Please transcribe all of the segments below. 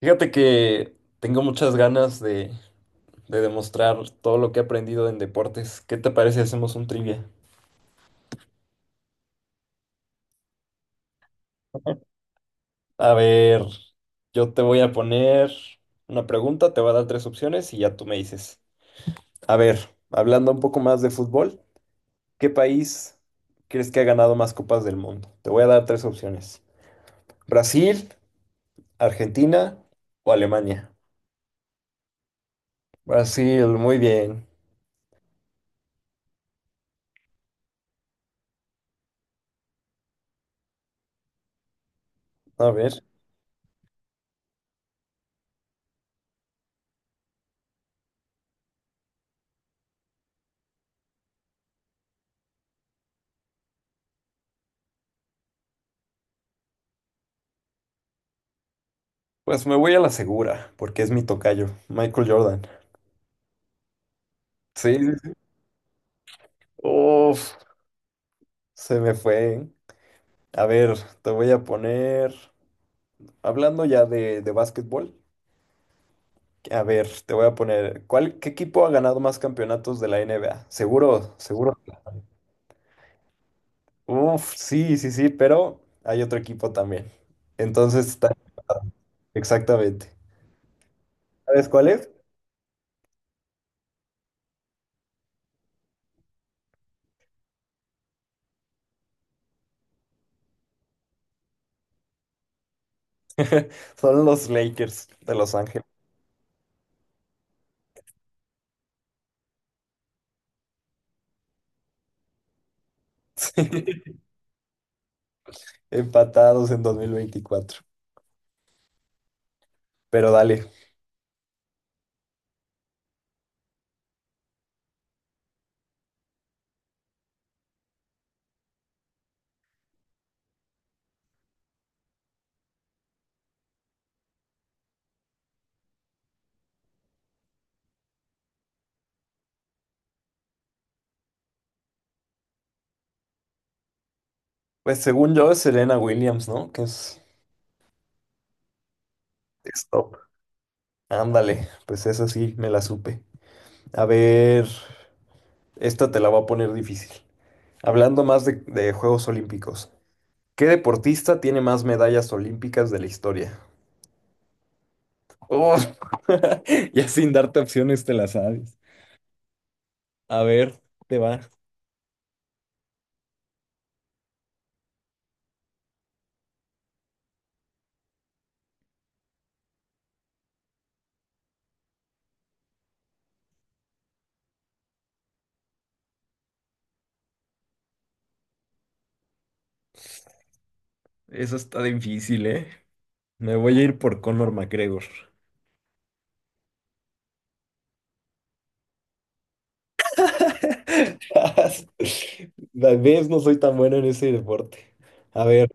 Fíjate que tengo muchas ganas de demostrar todo lo que he aprendido en deportes. ¿Qué te parece si hacemos un trivia? A ver, yo te voy a poner una pregunta, te voy a dar tres opciones y ya tú me dices. A ver, hablando un poco más de fútbol, ¿qué país crees que ha ganado más copas del mundo? Te voy a dar tres opciones. ¿Brasil, Argentina o Alemania? Brasil, muy bien. A ver, pues me voy a la segura, porque es mi tocayo, Michael Jordan. Sí, uf, se me fue. A ver, te voy a poner, hablando ya de, básquetbol, a ver, te voy a poner, ¿ qué equipo ha ganado más campeonatos de la NBA? Seguro, seguro. Uf, sí, sí, sí, pero hay otro equipo también. Entonces, exactamente. ¿Sabes cuál es? Son los Lakers de Los Ángeles. Empatados en 2024. Pero dale. Pues según yo es Serena Williams, ¿no? Que es top. Ándale, pues esa sí, me la supe. A ver, esta te la voy a poner difícil. Hablando más de Juegos Olímpicos, ¿qué deportista tiene más medallas olímpicas de la historia? Oh, ya sin darte opciones te la sabes. A ver, te va. Eso está difícil, ¿eh? Me voy a ir por Conor McGregor. Tal vez no soy tan bueno en ese deporte. A ver,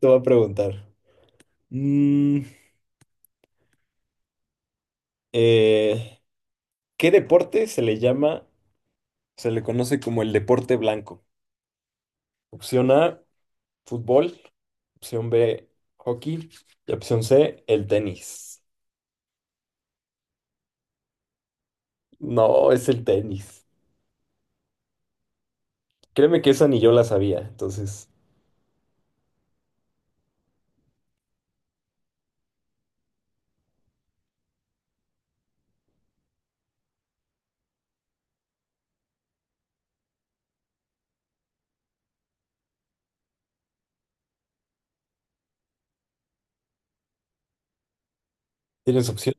te voy a preguntar. Mm, eh, ¿Qué deporte se le conoce como el deporte blanco? Opción A, fútbol. Opción B, hockey. Y opción C, el tenis. No, es el tenis. Créeme que esa ni yo la sabía. Entonces, ¿tienes opción?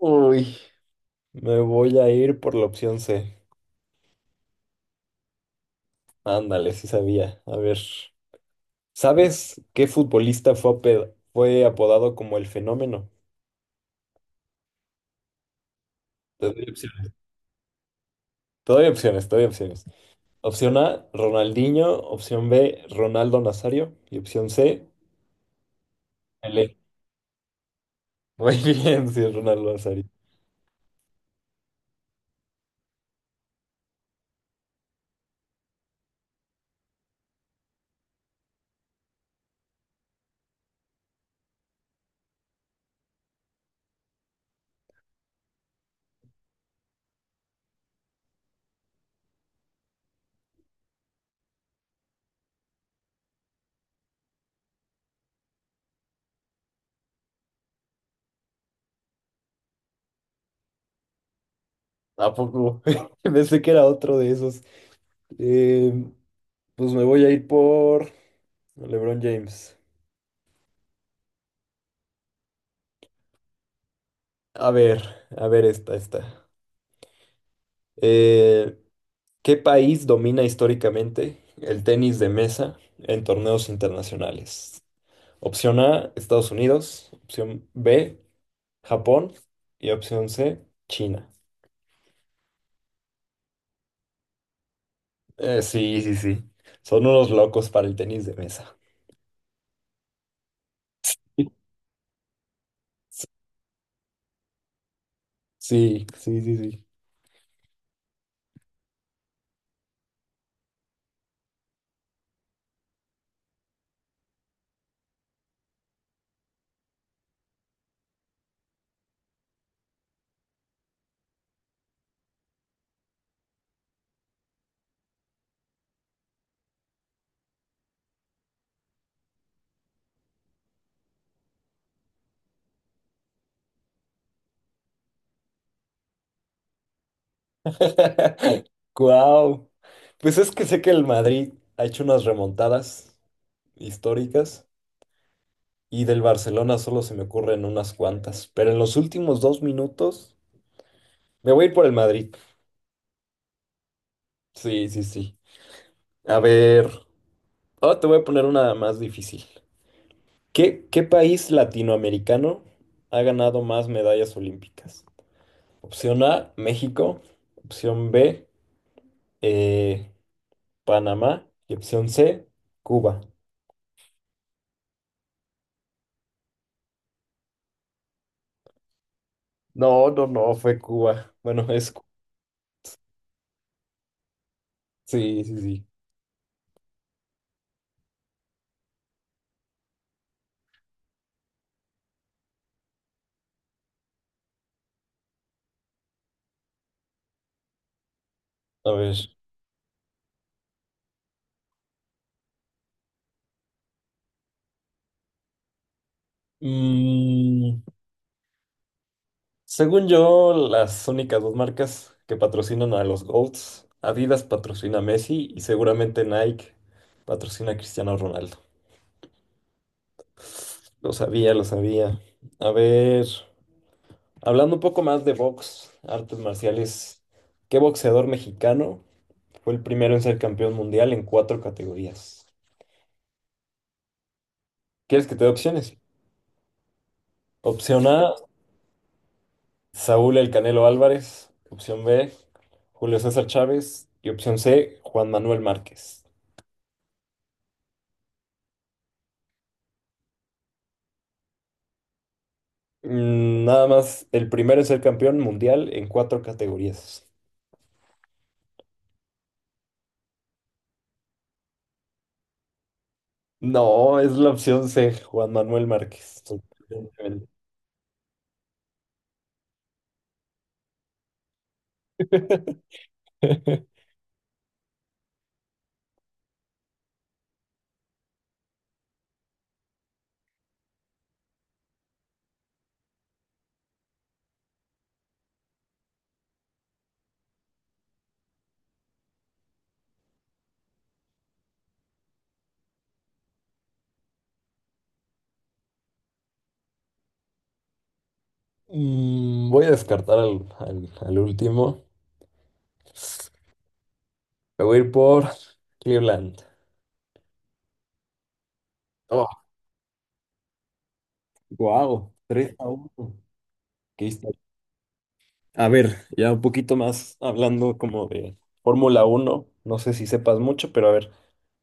Uy, me voy a ir por la opción C. Ándale, sí sabía. A ver, ¿sabes qué futbolista fue apodado como el fenómeno? Te doy opciones. Te doy opciones, te doy opciones. Opción A, Ronaldinho. Opción B, Ronaldo Nazario. Y opción C, Pelé. Muy bien, sí, es Ronaldo Nazario. ¿A poco? Pensé que era otro de esos. Eh, pues me voy a ir por LeBron James. A ver, a ver esta. Eh, ¿Qué país domina históricamente el tenis de mesa en torneos internacionales? Opción A, Estados Unidos. Opción B, Japón. Y opción C, China. Sí, sí, sí. Son unos locos para el tenis de mesa. Sí, sí, sí, sí. Wow. Pues es que sé que el Madrid ha hecho unas remontadas históricas y del Barcelona solo se me ocurren unas cuantas. Pero en los últimos 2 minutos me voy a ir por el Madrid. Sí, sí, sí. A ver. Ahora te voy a poner una más difícil. ¿Qué país latinoamericano ha ganado más medallas olímpicas? Opción A, México. Opción B, eh, Panamá. Y opción C, Cuba. No, no, no, fue Cuba. Bueno, sí, sí, sí. A ver. Mm, según yo, las únicas dos marcas que patrocinan a los GOATs, Adidas patrocina a Messi y seguramente Nike patrocina a Cristiano Ronaldo. Lo sabía, lo sabía. A ver, hablando un poco más de box, artes marciales, ¿qué boxeador mexicano? Fue el primero en ser campeón mundial en cuatro categorías. ¿Quieres que te dé opciones? Opción A, Saúl El Canelo Álvarez. Opción B, Julio César Chávez. Y opción C, Juan Manuel Márquez. Nada más, el primero en ser campeón mundial en cuatro categorías. No, es la opción C, Juan Manuel Márquez, sorprendentemente. Voy a descartar al, al último. Me voy a ir por Cleveland. Oh, wow, 3-1. A ver, ya un poquito más hablando como de Fórmula Uno, no sé si sepas mucho, pero a ver,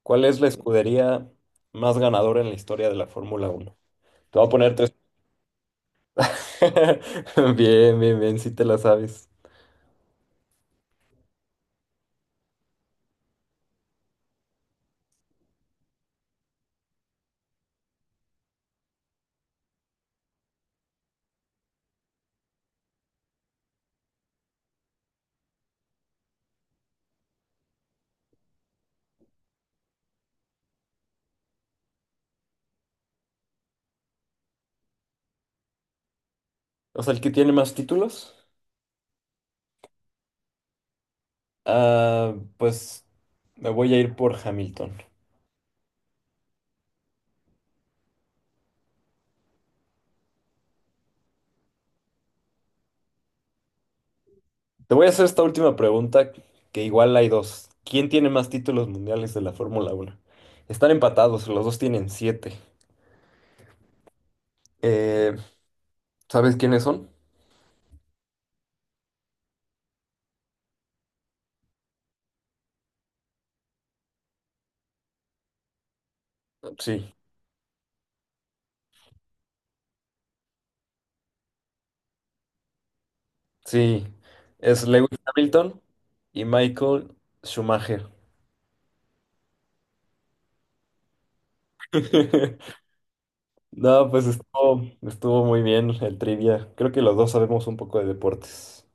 ¿cuál es la escudería más ganadora en la historia de la Fórmula Uno? Te voy a poner tres. Bien, bien, bien, si te la sabes. O sea, el que tiene más títulos, pues me voy a ir por Hamilton. Te voy a hacer esta última pregunta, que igual hay dos. ¿Quién tiene más títulos mundiales de la Fórmula Uno? Están empatados, los dos tienen siete. Eh, ¿Sabes quiénes son? Sí. Sí, es Lewis Hamilton y Michael Schumacher. No, pues estuvo muy bien el trivia. Creo que los dos sabemos un poco de deportes.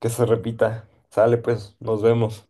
Que se repita. Sale, pues, nos vemos.